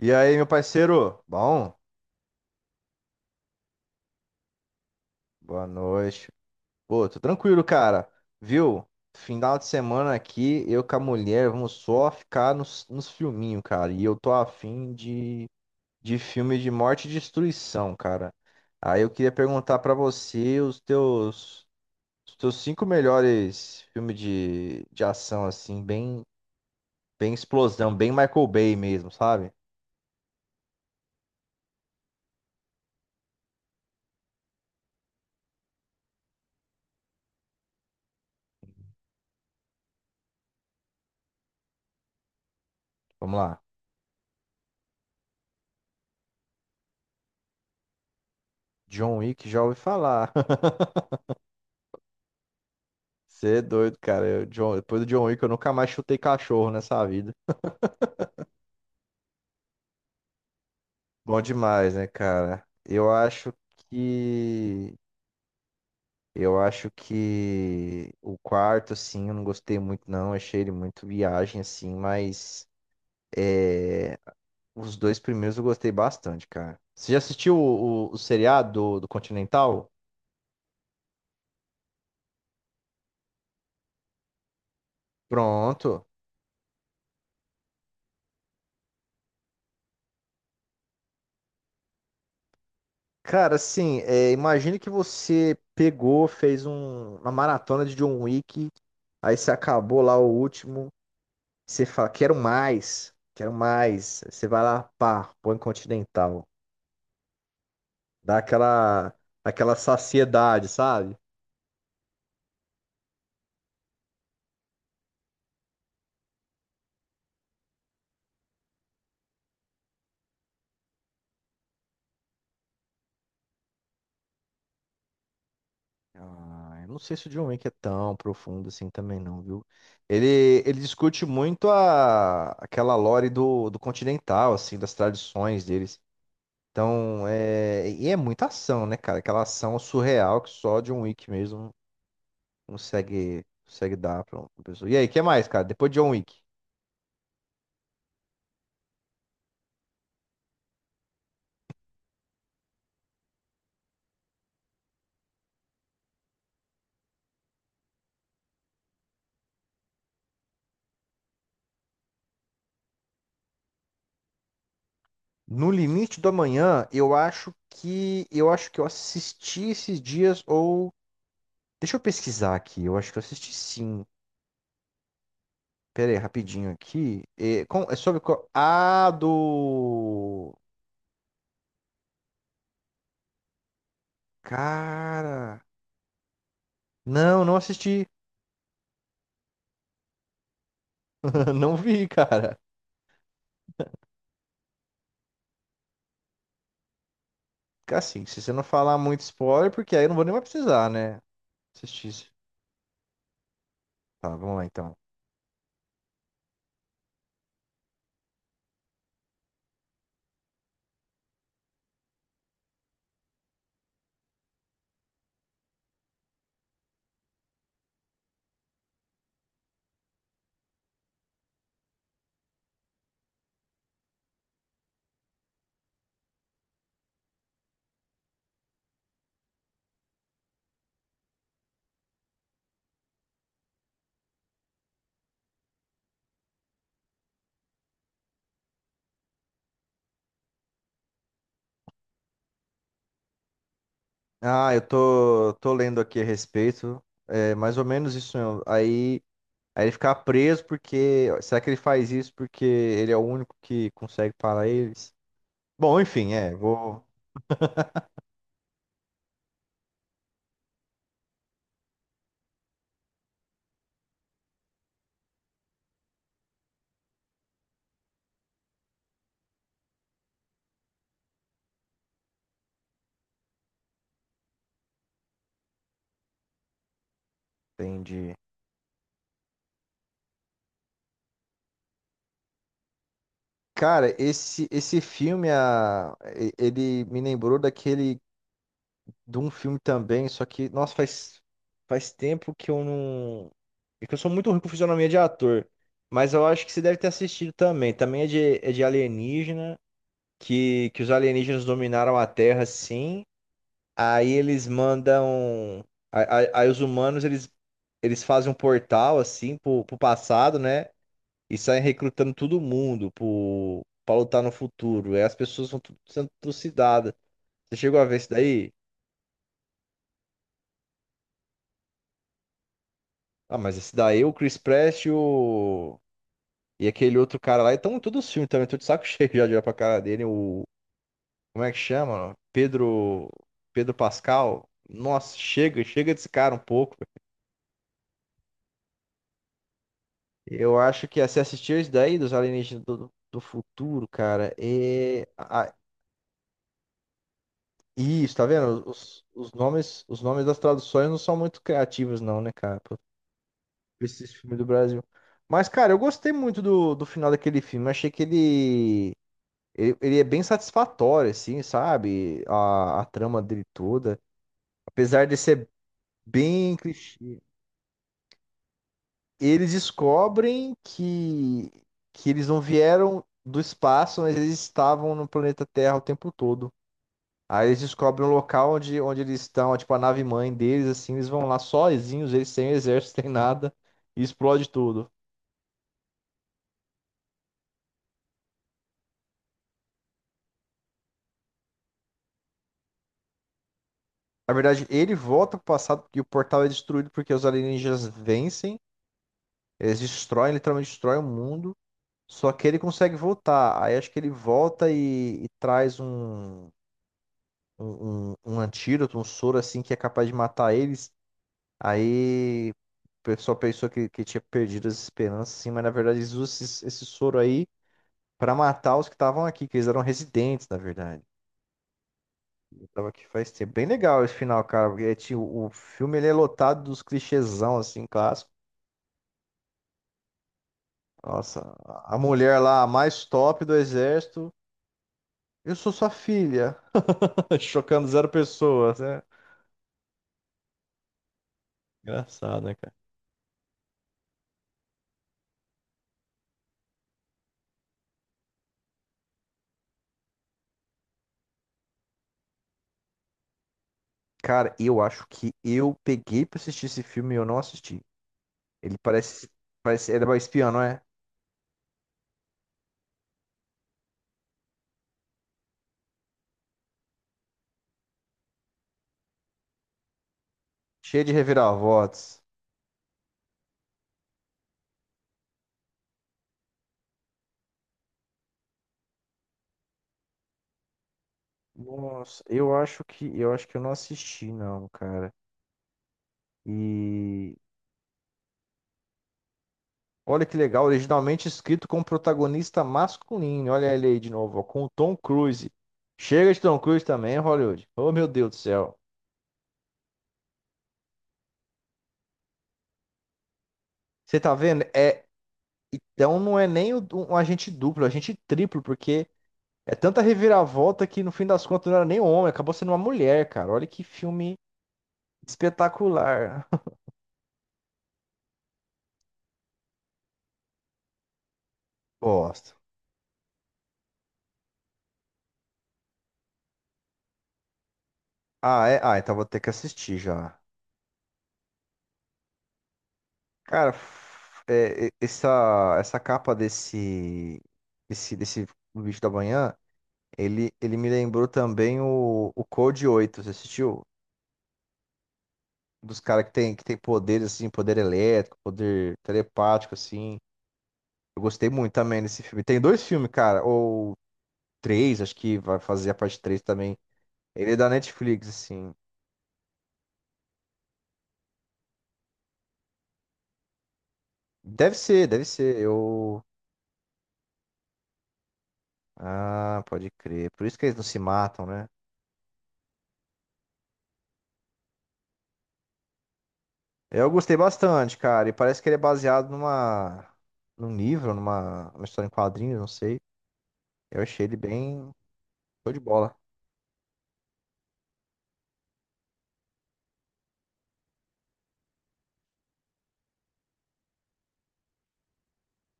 E aí, meu parceiro? Bom, boa noite. Pô, tô tranquilo, cara. Viu? Final de semana aqui, eu com a mulher, vamos só ficar nos filminhos, cara. E eu tô afim de filme de morte e destruição, cara. Aí eu queria perguntar pra você os teus cinco melhores filmes de ação, assim, bem explosão, bem Michael Bay mesmo, sabe? Vamos lá. John Wick, já ouvi falar. Você é doido, cara. Depois do John Wick, eu nunca mais chutei cachorro nessa vida. Bom demais, né, cara? Que. Eu acho que o quarto, assim, eu não gostei muito, não. Achei ele muito viagem, assim, mas é, os dois primeiros eu gostei bastante, cara. Você já assistiu o seriado do Continental? Pronto. Cara, assim, imagine que você pegou, uma maratona de John Wick, aí você acabou lá o último. Você fala, quero mais, quero mais. Você vai lá, pá, põe continental. Dá aquela saciedade, sabe? Ah, eu não sei se o John Wick é tão profundo assim também não, viu? Ele discute muito aquela lore do continental, assim, das tradições deles. Então é muita ação, né, cara? Aquela ação surreal que só John Wick mesmo consegue dar pra uma pessoa. E aí, o que mais, cara? Depois de John Wick. No Limite do Amanhã, eu acho que eu assisti esses dias ou deixa eu pesquisar aqui. Eu acho que eu assisti sim. Pera aí, rapidinho aqui. É sobre qual? Ah, do cara. Não, não assisti. Não vi, cara. Fica assim, se você não falar muito spoiler, porque aí eu não vou nem mais precisar, né? Assistir. Isso. Tá, vamos lá então. Ah, eu tô lendo aqui a respeito. É mais ou menos isso mesmo. Aí ele ficar preso porque. Será que ele faz isso porque ele é o único que consegue parar eles? Bom, enfim, vou. Entendi. Cara, esse filme, ele me lembrou daquele. De um filme também, só que, nossa, faz tempo que eu não. É que eu sou muito ruim com fisionomia de ator. Mas eu acho que você deve ter assistido também. Também é de alienígena, que os alienígenas dominaram a Terra, sim. Aí eles mandam. Aí os humanos eles fazem um portal assim pro passado, né? E saem recrutando todo mundo pra lutar no futuro. Aí as pessoas vão tudo sendo trucidadas. Você chegou a ver isso daí? Ah, mas esse daí, o Chris Pratt e o. E aquele outro cara lá, então em todos os filmes também, tô de saco cheio já de olhar pra cara dele. O. Como é que chama? Pedro. Pedro Pascal. Nossa, chega, chega desse cara um pouco. Eu acho que se assistir isso daí dos alienígenas do futuro, cara, Isso, tá vendo? Os nomes das traduções não são muito criativos, não, né, cara? Pra esse filme do Brasil. Mas, cara, eu gostei muito do final daquele filme. Achei que ele é bem satisfatório, assim, sabe? A trama dele toda. Apesar de ser bem clichê. Eles descobrem que eles não vieram do espaço, mas eles estavam no planeta Terra o tempo todo. Aí eles descobrem o local onde eles estão, tipo a nave mãe deles, assim, eles vão lá sozinhos, eles sem exército, sem nada, e explode tudo. Na verdade, ele volta pro passado porque o portal é destruído porque os alienígenas vencem, eles destroem, literalmente destroem o mundo. Só que ele consegue voltar. Aí acho que ele volta e traz um antídoto, um soro assim que é capaz de matar eles. Aí o pessoal pensou que tinha perdido as esperanças, assim, mas na verdade eles usam esse soro aí pra matar os que estavam aqui, que eles eram residentes, na verdade. Eu tava aqui faz tempo. Bem legal esse final, cara, porque é, tipo, o filme ele é lotado dos clichêzão, assim, clássico. Nossa, a mulher lá, a mais top do exército. Eu sou sua filha. Chocando zero pessoas, né? Engraçado, né, cara? Cara, eu acho que eu peguei pra assistir esse filme e eu não assisti. Ele parece, ele é espião, não é? Cheio de reviravoltas. Nossa, eu acho que eu não assisti não, cara. E olha que legal, originalmente escrito com protagonista masculino. Olha ele aí de novo, ó, com o Tom Cruise. Chega de Tom Cruise também, Hollywood. Oh, meu Deus do céu. Você tá vendo? É, então não é nem um agente duplo, é um agente triplo, porque é tanta reviravolta que no fim das contas não era nem um homem, acabou sendo uma mulher, cara. Olha que filme espetacular. Gosto. Ah, é, então vou ter que assistir já. Cara, essa capa desse vídeo da manhã, ele me lembrou também o Code 8, você assistiu? Um dos caras que tem, poderes, assim, poder elétrico, poder telepático, assim. Eu gostei muito também desse filme. Tem dois filmes, cara, ou três, acho que vai fazer a parte três também. Ele é da Netflix, assim. Deve ser, deve ser. Eu. Ah, pode crer. Por isso que eles não se matam, né? Eu gostei bastante, cara. E parece que ele é baseado numa, num livro, numa uma história em quadrinhos, não sei. Eu achei ele bem show de bola.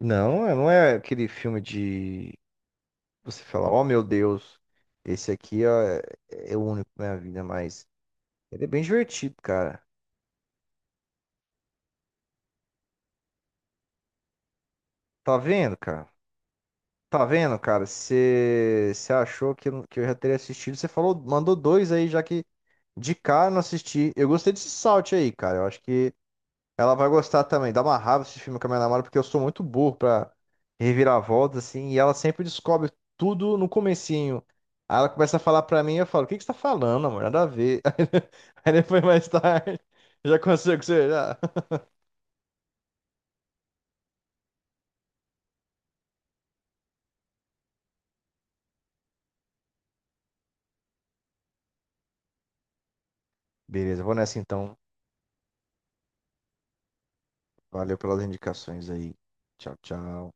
Não, não é aquele filme de. Você falar, oh meu Deus, esse aqui é o único na minha vida, mas. Ele é bem divertido, cara. Tá vendo, cara? Tá vendo, cara? Você achou que eu já teria assistido? Você falou, mandou dois aí, já que de cara eu não assisti. Eu gostei desse Salt aí, cara. Eu acho que ela vai gostar também. Dá uma raiva esse filme com a minha namorada, porque eu sou muito burro pra reviravolta, assim, e ela sempre descobre tudo no comecinho. Aí ela começa a falar pra mim, eu falo, o que que você tá falando, amor? Nada a ver. Aí depois, mais tarde, já consigo, você já. Beleza, eu vou nessa então. Valeu pelas indicações aí. Tchau, tchau.